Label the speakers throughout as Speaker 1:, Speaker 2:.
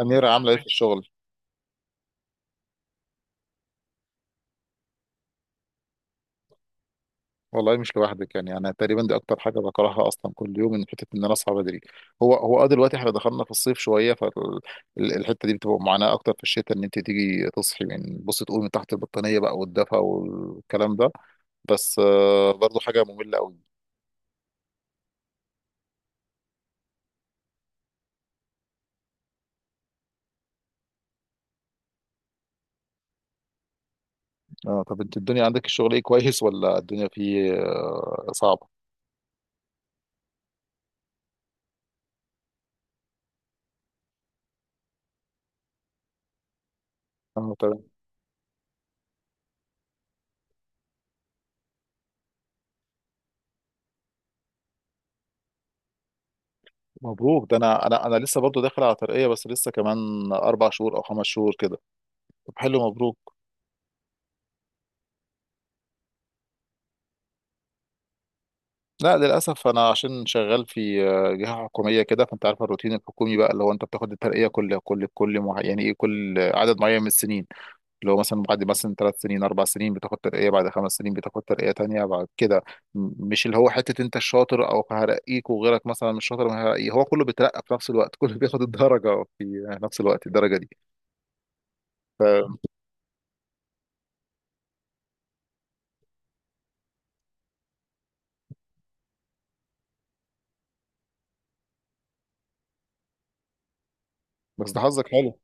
Speaker 1: أميرة عاملة إيه في الشغل؟ والله مش لوحدك، يعني أنا تقريبا دي أكتر حاجة بكرهها أصلا، كل يوم إن حتة إن أنا أصحى بدري. هو هو دلوقتي إحنا دخلنا في الصيف شوية، فالحتة دي بتبقى معاناة أكتر في الشتاء، إن أنت تيجي تصحي بص تقومي من تحت البطانية بقى والدفى والكلام ده. بس برضه حاجة مملة أوي. أه، طب أنت الدنيا عندك الشغل إيه، كويس ولا الدنيا فيه صعبة؟ اه، تمام. مبروك، ده انا لسه برضو داخل على ترقية، بس لسه كمان 4 شهور او 5 شهور كده. طب حلو، مبروك. لا للاسف انا عشان شغال في جهه حكوميه كده، فانت عارف الروتين الحكومي بقى، اللي هو انت بتاخد الترقيه يعني ايه، كل عدد معين من السنين. اللي هو مثلا بعد مثلا 3 سنين 4 سنين بتاخد ترقيه، بعد 5 سنين بتاخد ترقيه تانية بعد كده. مش اللي هو حته انت الشاطر او هرقيك، وغيرك مثلا مش شاطر ما هرقيه، هو كله بيترقى في نفس الوقت كله بياخد الدرجه في نفس الوقت، الدرجه دي. بس ده حظك حلو.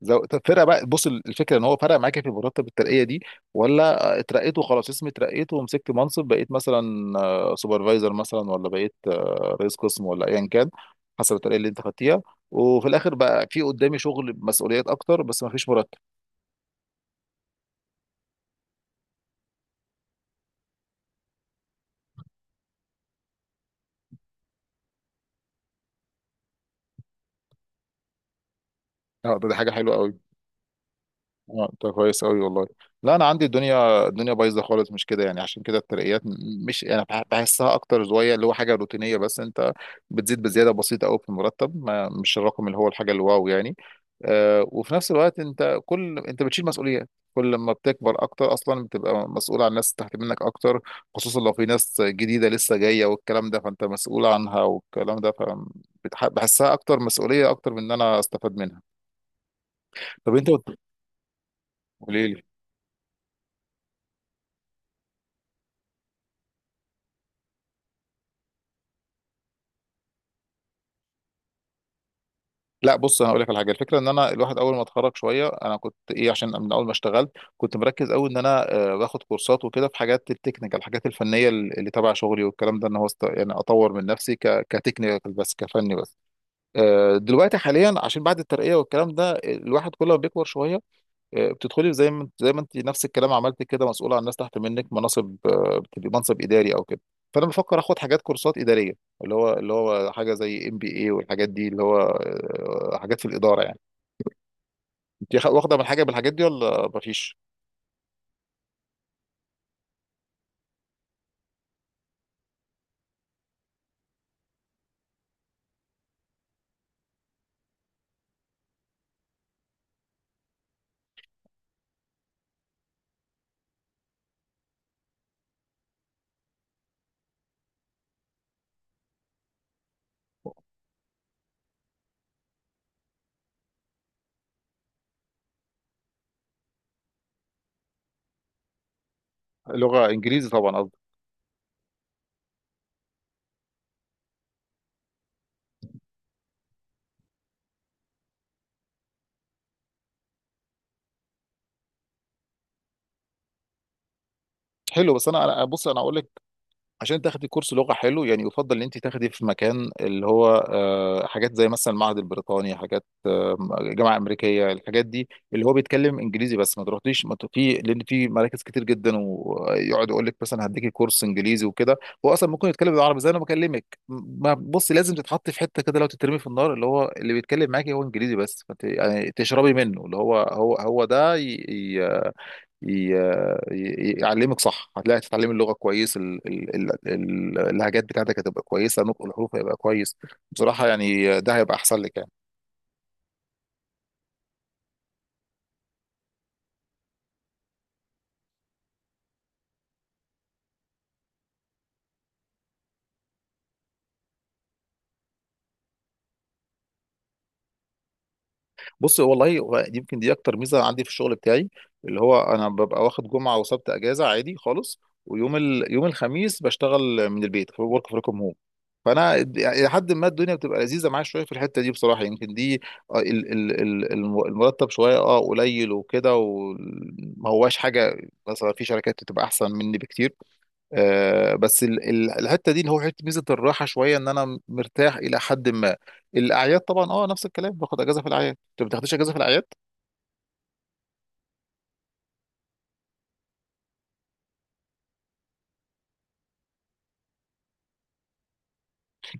Speaker 1: طب فرق بقى، بص الفكره ان هو فرق معاك في مرتب الترقيه دي، ولا اترقيت وخلاص اسمي اترقيت ومسكت منصب، بقيت مثلا سوبرفايزر مثلا، ولا بقيت رئيس قسم ولا ايا كان، حسب الترقيه اللي انت خدتيها، وفي الاخر بقى في قدامي شغل مسؤوليات اكتر بس ما فيش مرتب. اه، ده حاجه حلوه قوي. اه انت كويس قوي والله. لا انا عندي الدنيا بايظه خالص، مش كده يعني، عشان كده الترقيات مش انا بحسها اكتر شويه، اللي هو حاجه روتينيه، بس انت بتزيد بزياده بسيطه قوي في المرتب، ما مش الرقم اللي هو الحاجه الواو يعني. وفي نفس الوقت انت انت بتشيل مسؤوليات، كل ما بتكبر اكتر اصلا بتبقى مسؤول عن ناس تحت منك اكتر، خصوصا لو في ناس جديده لسه جايه والكلام ده، فانت مسؤول عنها والكلام ده، بحسها اكتر، مسؤوليه اكتر من ان انا استفاد منها. طب انت قولي لي. لا بص هقول لك على حاجه، الفكره ان انا الواحد اول ما اتخرج شويه انا كنت ايه، عشان من اول ما اشتغلت كنت مركز قوي ان انا باخد كورسات وكده في حاجات التكنيكال، الحاجات الفنيه اللي تبع شغلي والكلام ده، ان هو يعني اطور من نفسي كتكنيكال بس، كفني بس. دلوقتي حاليا عشان بعد الترقيه والكلام ده، الواحد كل ما بيكبر شويه بتدخلي زي ما انت نفس الكلام عملت كده، مسؤوله عن ناس تحت منك، مناصب بتبقي منصب اداري او كده. فانا بفكر اخد حاجات كورسات اداريه، اللي هو حاجه زي MBA والحاجات دي، اللي هو حاجات في الاداره يعني. انت واخده من حاجه من الحاجات دي ولا مفيش؟ لغه انجليزي طبعا قصدي. حلو، بس بص انا اقول لك، عشان تاخدي كورس لغه حلو يعني، يفضل ان انت تاخدي في مكان اللي هو حاجات زي مثلا المعهد البريطاني، حاجات جامعه امريكيه، الحاجات دي اللي هو بيتكلم انجليزي بس، ما تروحليش ما ت- في، لان في مراكز كتير جدا ويقعد يقول لك مثلا هديكي كورس انجليزي وكده، هو اصلا ممكن يتكلم بالعربي زي انا بكلمك. ما بص، لازم تتحط في حته كده لو تترمي في النار، اللي هو اللي بيتكلم معاكي هو انجليزي بس، يعني تشربي منه، اللي هو هو ده ي... يعلمك صح، هتلاقي تتعلمي اللغه كويس، اللهجات بتاعتك هتبقى كويسه، نطق الحروف هيبقى كويس، بصراحه يعني ده هيبقى احسن لك يعني. بص والله هو دي يمكن دي اكتر ميزه عندي في الشغل بتاعي، اللي هو انا ببقى واخد جمعه وسبت اجازه عادي خالص، ويوم يوم الخميس بشتغل من البيت في ورك فروم هوم، فانا الى حد ما الدنيا بتبقى لذيذه معايا شويه في الحته دي بصراحه. يمكن دي المرتب شويه قليل وكده وما هواش حاجه، مثلا في شركات بتبقى احسن مني بكتير، بس الحته دي اللي هو حته ميزه الراحه شويه، ان انا مرتاح الى حد ما. الاعياد طبعا نفس الكلام، باخد اجازه في الاعياد. انت ما بتاخدش اجازه في الاعياد؟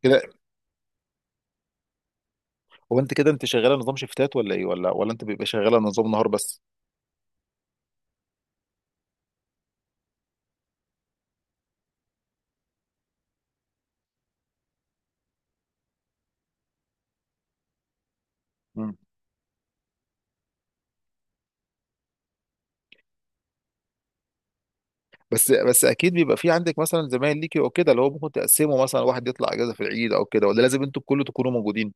Speaker 1: كده. هو انت كده انت شغاله نظام شيفتات ولا ايه، ولا انت بيبقى شغاله نظام نهار بس؟ مم. بس اكيد بيبقى في عندك مثلا زمايل ليكي او كده، اللي هو ممكن تقسمه، مثلا واحد يطلع اجازه في العيد او كده، ولا لازم انتوا كله تكونوا موجودين؟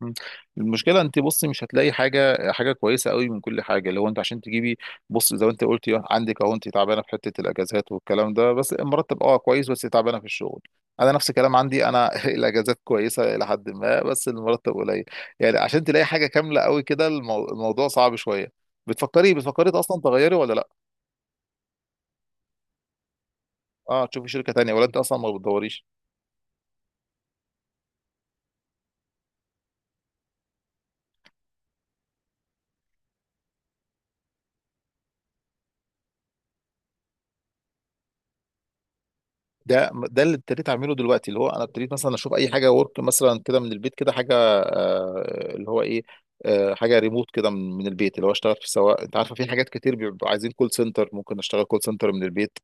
Speaker 1: مم. المشكله انت بصي مش هتلاقي حاجه كويسه قوي من كل حاجه، اللي هو انت عشان تجيبي، بص زي ما انت قلتي عندك اهو، انت تعبانه في حته الاجازات والكلام ده، بس مرتب كويس، بس تعبانه في الشغل. انا نفس الكلام عندي انا الاجازات كويسه الى حد ما بس المرتب قليل. يعني عشان تلاقي حاجه كامله قوي كده الموضوع صعب شويه. بتفكري اصلا تغيري ولا لا؟ اه، تشوفي شركه تانية ولا انت اصلا ما بتدوريش؟ ده اللي ابتديت اعمله دلوقتي، اللي هو انا ابتديت مثلا اشوف اي حاجه ورك مثلا كده من البيت كده، حاجه اللي هو ايه، حاجه ريموت كده من البيت، اللي هو اشتغل في، سواء انت عارفه في حاجات كتير بيبقوا عايزين كول سنتر، ممكن اشتغل كول سنتر من البيت.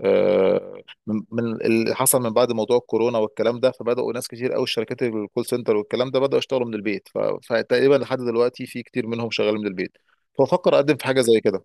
Speaker 1: آه، من اللي حصل من بعد موضوع الكورونا والكلام ده، فبداوا ناس كتير قوي، الشركات الكول سنتر والكلام ده بداوا يشتغلوا من البيت، فتقريبا لحد دلوقتي في كتير منهم شغال من البيت، فبفكر اقدم في حاجه زي كده.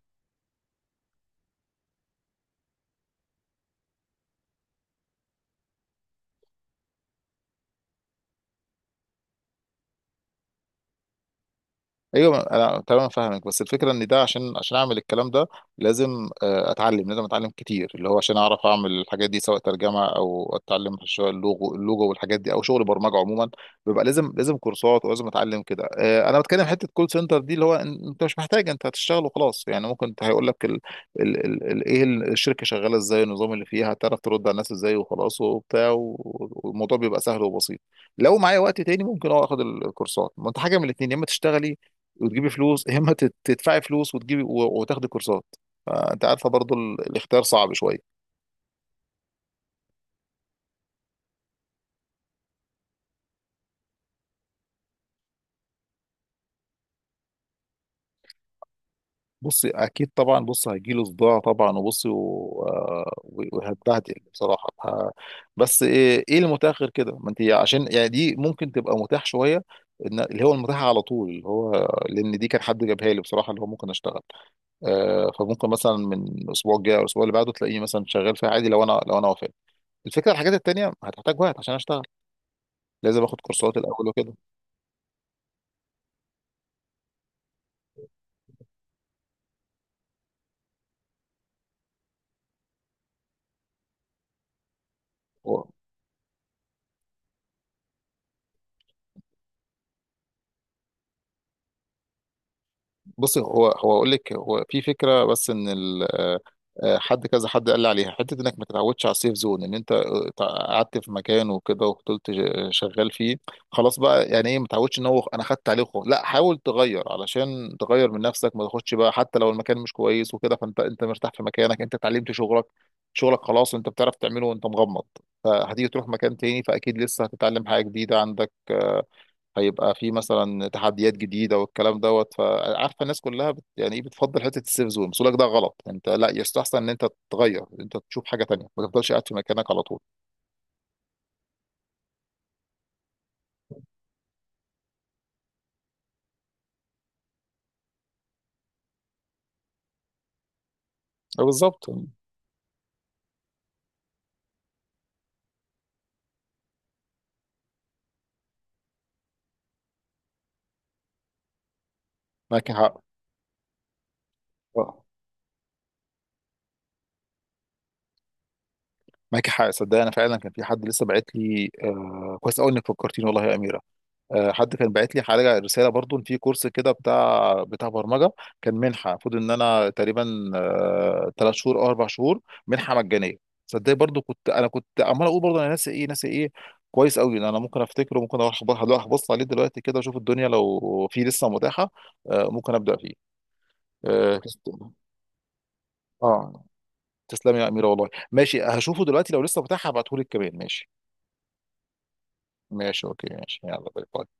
Speaker 1: ايوه انا تمام فاهمك، بس الفكره ان ده عشان اعمل الكلام ده، لازم لازم اتعلم كتير، اللي هو عشان اعرف اعمل الحاجات دي، سواء ترجمه او اتعلم شويه اللوجو والحاجات دي، او شغل برمجه عموما بيبقى لازم كورسات ولازم اتعلم كده. انا بتكلم حته كول سنتر دي، اللي هو انت مش محتاج، انت هتشتغل وخلاص يعني، ممكن هيقول لك ايه الشركه شغاله ازاي، النظام اللي فيها، هتعرف ترد على الناس ازاي وخلاص وبتاع والموضوع بيبقى سهل وبسيط. لو معايا وقت تاني ممكن اخد الكورسات، ما انت حاجه من الاثنين، يا اما تشتغلي وتجيبي فلوس، يا اما تدفعي فلوس وتجيبي وتاخدي كورسات. فانت عارفه برضو الاختيار صعب شويه. بصي اكيد طبعا، بص هيجيله صداع طبعا، وبصي وهتبهدل بصراحه، بس ايه، المتاح غير كده؟ ما انت عشان يعني دي ممكن تبقى متاح شويه، إن اللي هو المتاح على طول، اللي هو لان دي كان حد جابها لي بصراحه، اللي هو ممكن اشتغل فممكن مثلا من الاسبوع الجاي او الاسبوع اللي بعده تلاقيني مثلا شغال فيها عادي، لو انا وافقت. الفكره الحاجات التانيه هتحتاج وقت عشان اشتغل، لازم اخد كورسات الاول وكده. هو بصي، هو اقول لك، هو في فكره، بس ان ال آه، آه، حد كذا حد قال لي عليها، حته انك ما تتعودش على السيف زون، ان انت قعدت في مكان وكده وفضلت شغال فيه، خلاص بقى يعني ايه، ما تعودش ان هو انا خدت عليه خلاص، لا حاول تغير علشان تغير من نفسك، ما تاخدش بقى حتى لو المكان مش كويس وكده. فانت مرتاح في مكانك، انت اتعلمت شغلك، خلاص انت بتعرف تعمله وانت مغمض. فهتيجي تروح مكان تاني، فاكيد لسه هتتعلم حاجه جديده عندك، هيبقى في مثلا تحديات جديده والكلام دوت، فعارفه الناس كلها يعني ايه، بتفضل حته السيف زون، بس لك ده غلط، انت لا يستحسن ان انت تتغير، انت تشوف حاجه تانية، ما تفضلش قاعد في مكانك على طول. أه، بالظبط. معاك حق. آه، معاك حق، صدق انا فعلا كان في حد لسه باعت لي، كويس قوي انك فكرتيني والله يا اميره. حد كان باعت لي حاجه، رساله برضو، إن في كورس كده بتاع برمجه، كان منحه، المفروض ان انا تقريبا 3 شهور او 4 شهور، منحه مجانيه. صدق برضو، كنت عمال اقول برضو، انا ناسي ايه، ناسي ايه. كويس قوي ان انا ممكن افتكره، ممكن اروح هروح ابص عليه دلوقتي كده، اشوف الدنيا لو في لسه متاحه، ممكن ابدا فيه. اه تست- آه، تسلمي يا اميره والله، ماشي هشوفه دلوقتي لو لسه متاح، هبعتهولك كمان، ماشي. ماشي اوكي، ماشي يلا، باي باي.